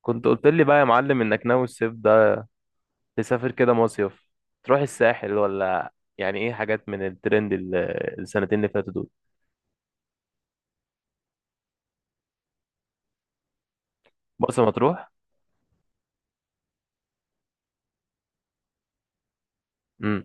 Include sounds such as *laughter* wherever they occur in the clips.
كنت قلت لي بقى يا معلم انك ناوي الصيف ده تسافر كده مصيف، تروح الساحل، ولا يعني ايه حاجات من الترند السنتين اللي فاتوا دول؟ مرسى مطروح. امم.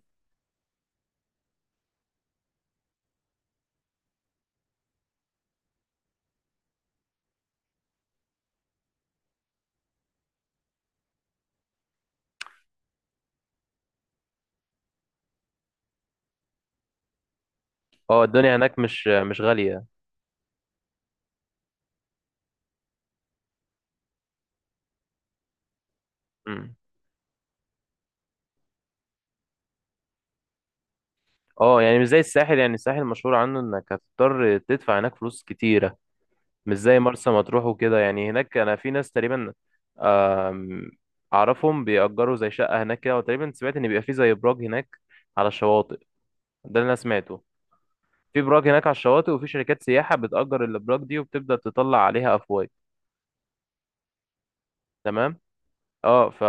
اه، الدنيا هناك مش غالية. امم. اه، يعني مش زي الساحل، يعني الساحل مشهور عنه انك هتضطر تدفع هناك فلوس كتيرة، مش زي مرسى مطروح وكده يعني. هناك انا في ناس تقريبا آم، اعرفهم بيأجروا زي شقة هناك كده، وتقريبا سمعت ان بيبقى في زي ابراج هناك على الشواطئ. ده اللي انا سمعته. في براك هناك على الشواطئ، وفي شركات سياحة بتأجر الأبراج دي وبتبدأ تطلع عليها أفواج. تمام. اه، ف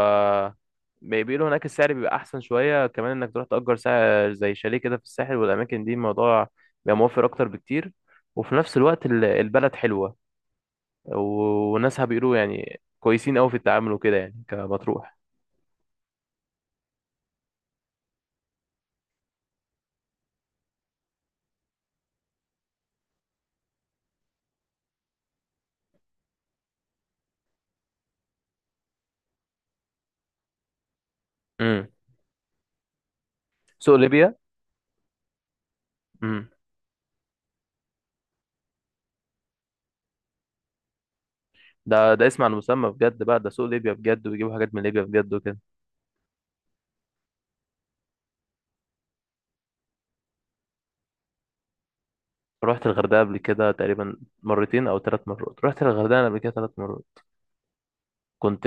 بيقولوا هناك السعر بيبقى أحسن شوية كمان، إنك تروح تأجر سعر زي شاليه كده في الساحل والأماكن دي، الموضوع بيبقى موفر أكتر بكتير. وفي نفس الوقت البلد حلوة، وناسها بيقولوا يعني كويسين أوي في التعامل وكده يعني، كمطروح. امم. سوق ليبيا. امم. ده اسم على المسمى بجد بقى، ده سوق ليبيا بجد، ويجيبوا حاجات من ليبيا بجد وكده. رحت الغردقة قبل كده تقريبا مرتين أو ثلاث مرات، رحت الغردقة قبل كده ثلاث مرات. كنت،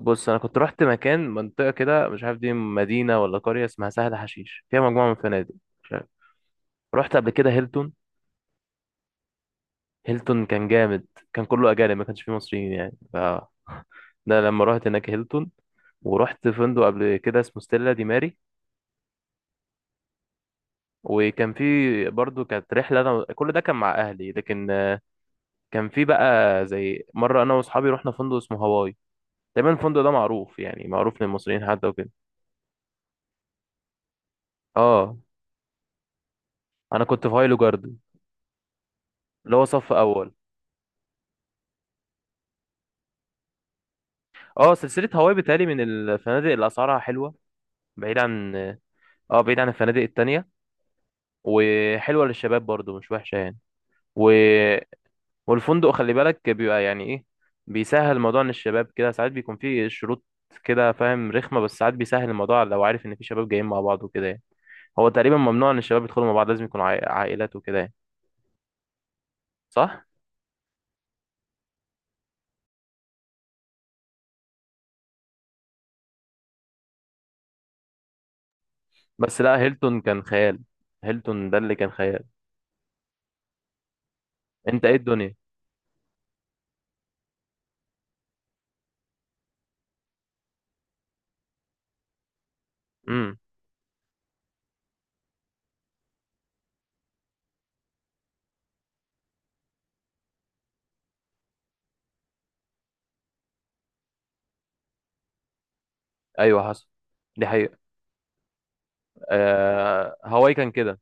بص، أنا كنت رحت مكان، منطقة كده مش عارف دي مدينة ولا قرية، اسمها سهل حشيش، فيها مجموعة من الفنادق. مش عارف. رحت قبل كده هيلتون. هيلتون كان جامد، كان كله أجانب، ما كانش فيه مصريين يعني، ف *laughs* ده لما رحت هناك هيلتون. ورحت فندق قبل كده اسمه ستيلا دي ماري، وكان في، برضو كانت رحلة، أنا كل ده كان مع أهلي، لكن كان في بقى زي مرة أنا وأصحابي رحنا فندق اسمه هواي. دايما الفندق ده معروف، يعني معروف للمصريين حتى وكده. اه، انا كنت في هايلو جاردن، اللي هو صف اول. اه، سلسله هواي بتهيألي من الفنادق اللي اسعارها حلوه، بعيد عن، اه، بعيد عن الفنادق التانية، وحلوه للشباب برضو، مش وحشه يعني. و... والفندق خلي بالك بيبقى يعني ايه، بيسهل موضوع ان الشباب كده. ساعات بيكون فيه شروط كده، فاهم، رخمه، بس ساعات بيسهل الموضوع لو عارف ان في شباب جايين مع بعض وكده يعني. هو تقريبا ممنوع ان الشباب يدخلوا مع بعض، لازم يكونوا عائلات وكده يعني. صح. بس لا، هيلتون كان خيال. هيلتون ده اللي كان خيال. انت ايه الدنيا. امم. ايوه، حصل، دي حقيقة. آه، هواي كان كده.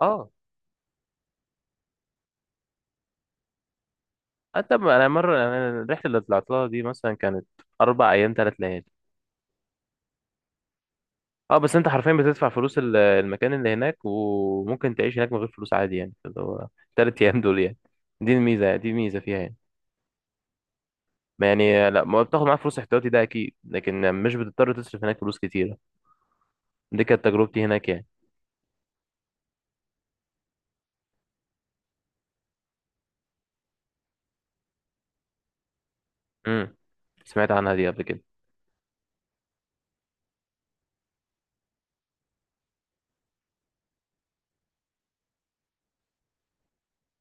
اه، حتى انا مرة، انا الرحلة اللي طلعت لها دي مثلا كانت اربع ايام ثلاث ليالي. اه، بس انت حرفيا بتدفع فلوس المكان اللي هناك، وممكن تعيش هناك من غير فلوس عادي، يعني اللي هو ثلاث ايام دول يعني. دي الميزة فيها يعني. ما، يعني لا، ما بتاخد معاك فلوس احتياطي ده اكيد، لكن مش بتضطر تصرف هناك فلوس كتيرة. دي كانت تجربتي هناك يعني. امم. سمعت عنها دي قبل كده.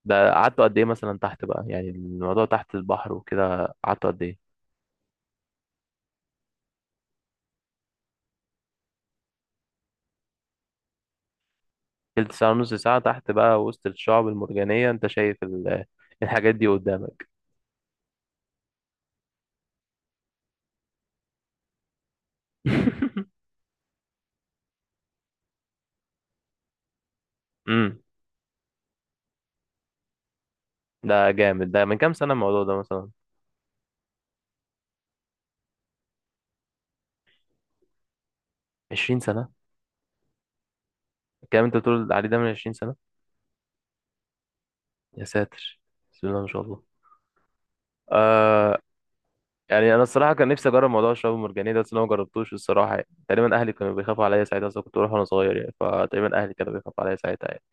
ده قعدتوا قد ايه مثلا تحت بقى، يعني الموضوع تحت البحر وكده، قعدتوا قد ايه؟ تلت ساعة ونص ساعة تحت بقى وسط الشعب المرجانية، انت شايف *laughs* الحاجات دي قدامك. *laughs* امم. ده جامد، ده من كام سنة الموضوع ده مثلا؟ 20 سنة؟ الكلام انت بتقول عليه ده من 20 سنة؟ يا ساتر. بسم الله ما شاء الله. آه. يعني انا الصراحة كان نفسي اجرب موضوع الشعب المرجانية ده، بس انا ما جربتوش الصراحة يعني. تقريبا اهلي كانوا بيخافوا عليا ساعتها، اصلا كنت بروح وانا صغير يعني، فتقريبا اهلي كانوا بيخافوا عليا ساعتها يعني.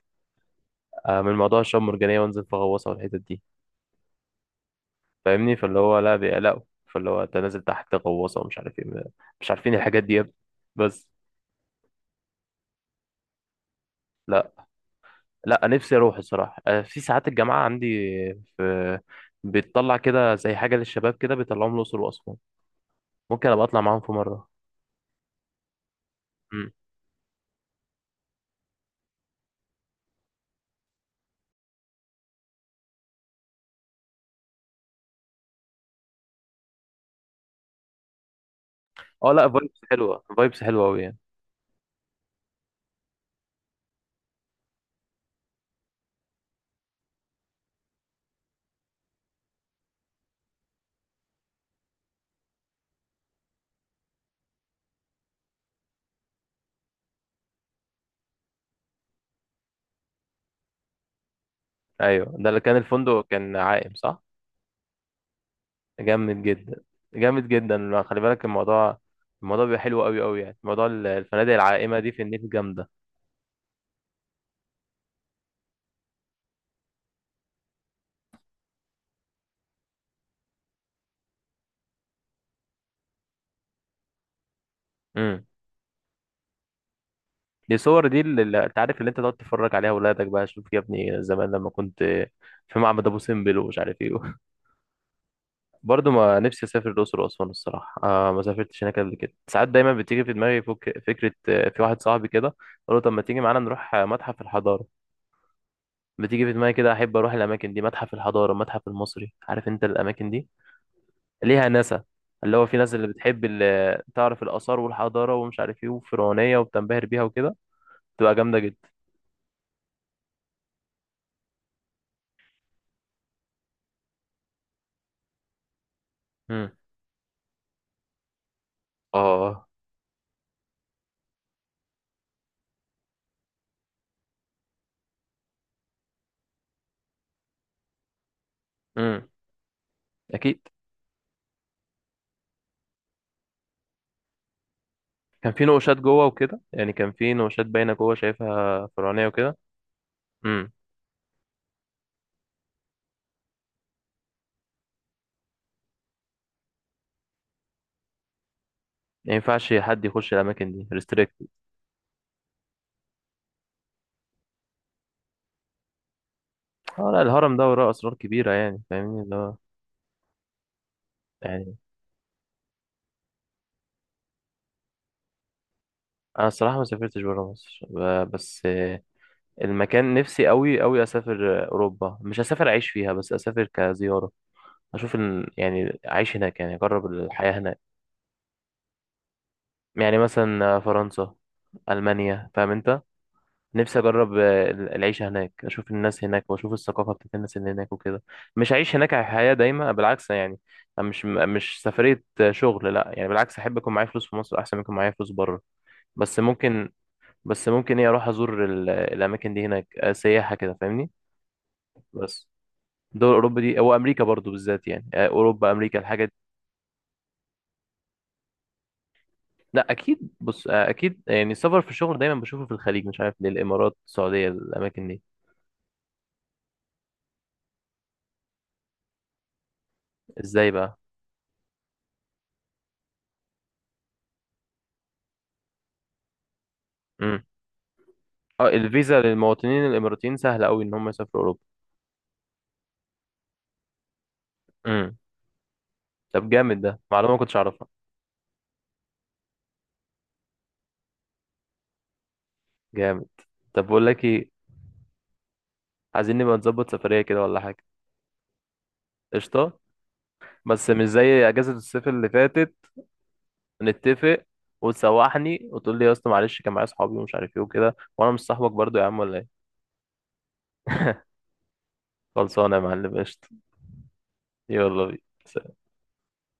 آه، من موضوع الشعب المرجانية، وانزل في غواصة والحتت دي، فاهمني، فاللي هو لا، بيقلقوا. فاللي هو انت نازل تحت غواصه ومش عارف ايه مش عارفين الحاجات دي يا ابني، بس. لا. لا، نفسي اروح الصراحه. أنا في ساعات الجامعه عندي في، بتطلع كده زي حاجه للشباب كده، بيطلعوهم الاقصر واسوان. ممكن ابقى اطلع معاهم في مره. امم. اه، لا، فايبس حلوه، فايبس حلوه قوي يعني. ايوه، ده اللي كان، الفندق كان عائم، صح. جامد جدا، جامد جدا. لا، خلي بالك الموضوع، الموضوع بيبقى حلو قوي قوي يعني. موضوع الفنادق العائمه دي في النيل جامده. امم. دي الصور دي، اللي انت عارف، اللي انت تقعد تتفرج عليها اولادك بقى، شوف يا ابني زمان لما كنت في معبد ابو سمبل ومش عارف ايه. *laughs* برضه ما، نفسي اسافر الاقصر واسوان الصراحه، آه، ما سافرتش هناك قبل كده. ساعات دايما بتيجي في دماغي فكره، في واحد صاحبي كده قال له طب ما تيجي معانا نروح متحف الحضاره. بتيجي في دماغي كده، احب اروح الاماكن دي، متحف الحضاره، المتحف المصري، عارف انت الاماكن دي ليها ناسا، اللي هو في ناس اللي بتحب، اللي تعرف الاثار والحضاره ومش عارف ايه وفرعونيه وبتنبهر بيها وكده، تبقى جامده جدا. امم. اه. امم. اكيد. كان في نقوشات جوه وكده يعني؟ كان في نقوشات باينه جوه، شايفها فرعونيه وكده. امم. ما ينفعش حد يخش الاماكن دي، ريستريكتد. اه، لا الهرم ده وراه اسرار كبيره يعني، فاهمني اللي هو. يعني، انا الصراحه ما سافرتش بره مصر، بس، المكان نفسي قوي قوي اسافر، اوروبا. مش اسافر اعيش فيها، بس اسافر كزياره، اشوف يعني اعيش هناك يعني، اجرب الحياه هناك. يعني مثلا فرنسا، المانيا، فاهم انت. نفسي اجرب العيشه هناك، اشوف الناس هناك، واشوف الثقافه بتاعت الناس اللي هناك وكده. مش هعيش هناك حياه دايمه بالعكس يعني. أنا مش سفريه شغل لا يعني. بالعكس، احب يكون معايا فلوس في مصر احسن من يكون معايا فلوس بره. بس ممكن، بس ممكن ايه، اروح ازور الاماكن دي هناك، سياحه كده، فاهمني، بس. دول اوروبا دي او امريكا برضو بالذات يعني، اوروبا، امريكا، الحاجات دي. لا اكيد، بص، اكيد يعني السفر في الشغل دايما بشوفه في الخليج، مش عارف ليه، الامارات، السعوديه، الاماكن دي. ازاي بقى؟ إمم. اه، الفيزا للمواطنين الاماراتيين سهله قوي ان هم يسافروا اوروبا. امم. طب جامد، ده معلومه ما كنتش اعرفها. جامد. طب بقول لك ايه، عايزين نبقى نظبط سفريه كده ولا حاجه؟ قشطه. بس مش زي اجازه الصيف اللي فاتت، نتفق، وتسوحني وتقول لي يا اسطى معلش كان معايا اصحابي ومش عارف ايه وكده، وانا مش صاحبك برضو يا عم ولا ايه. خلصانه يا معلم، قشطه. يلا بينا.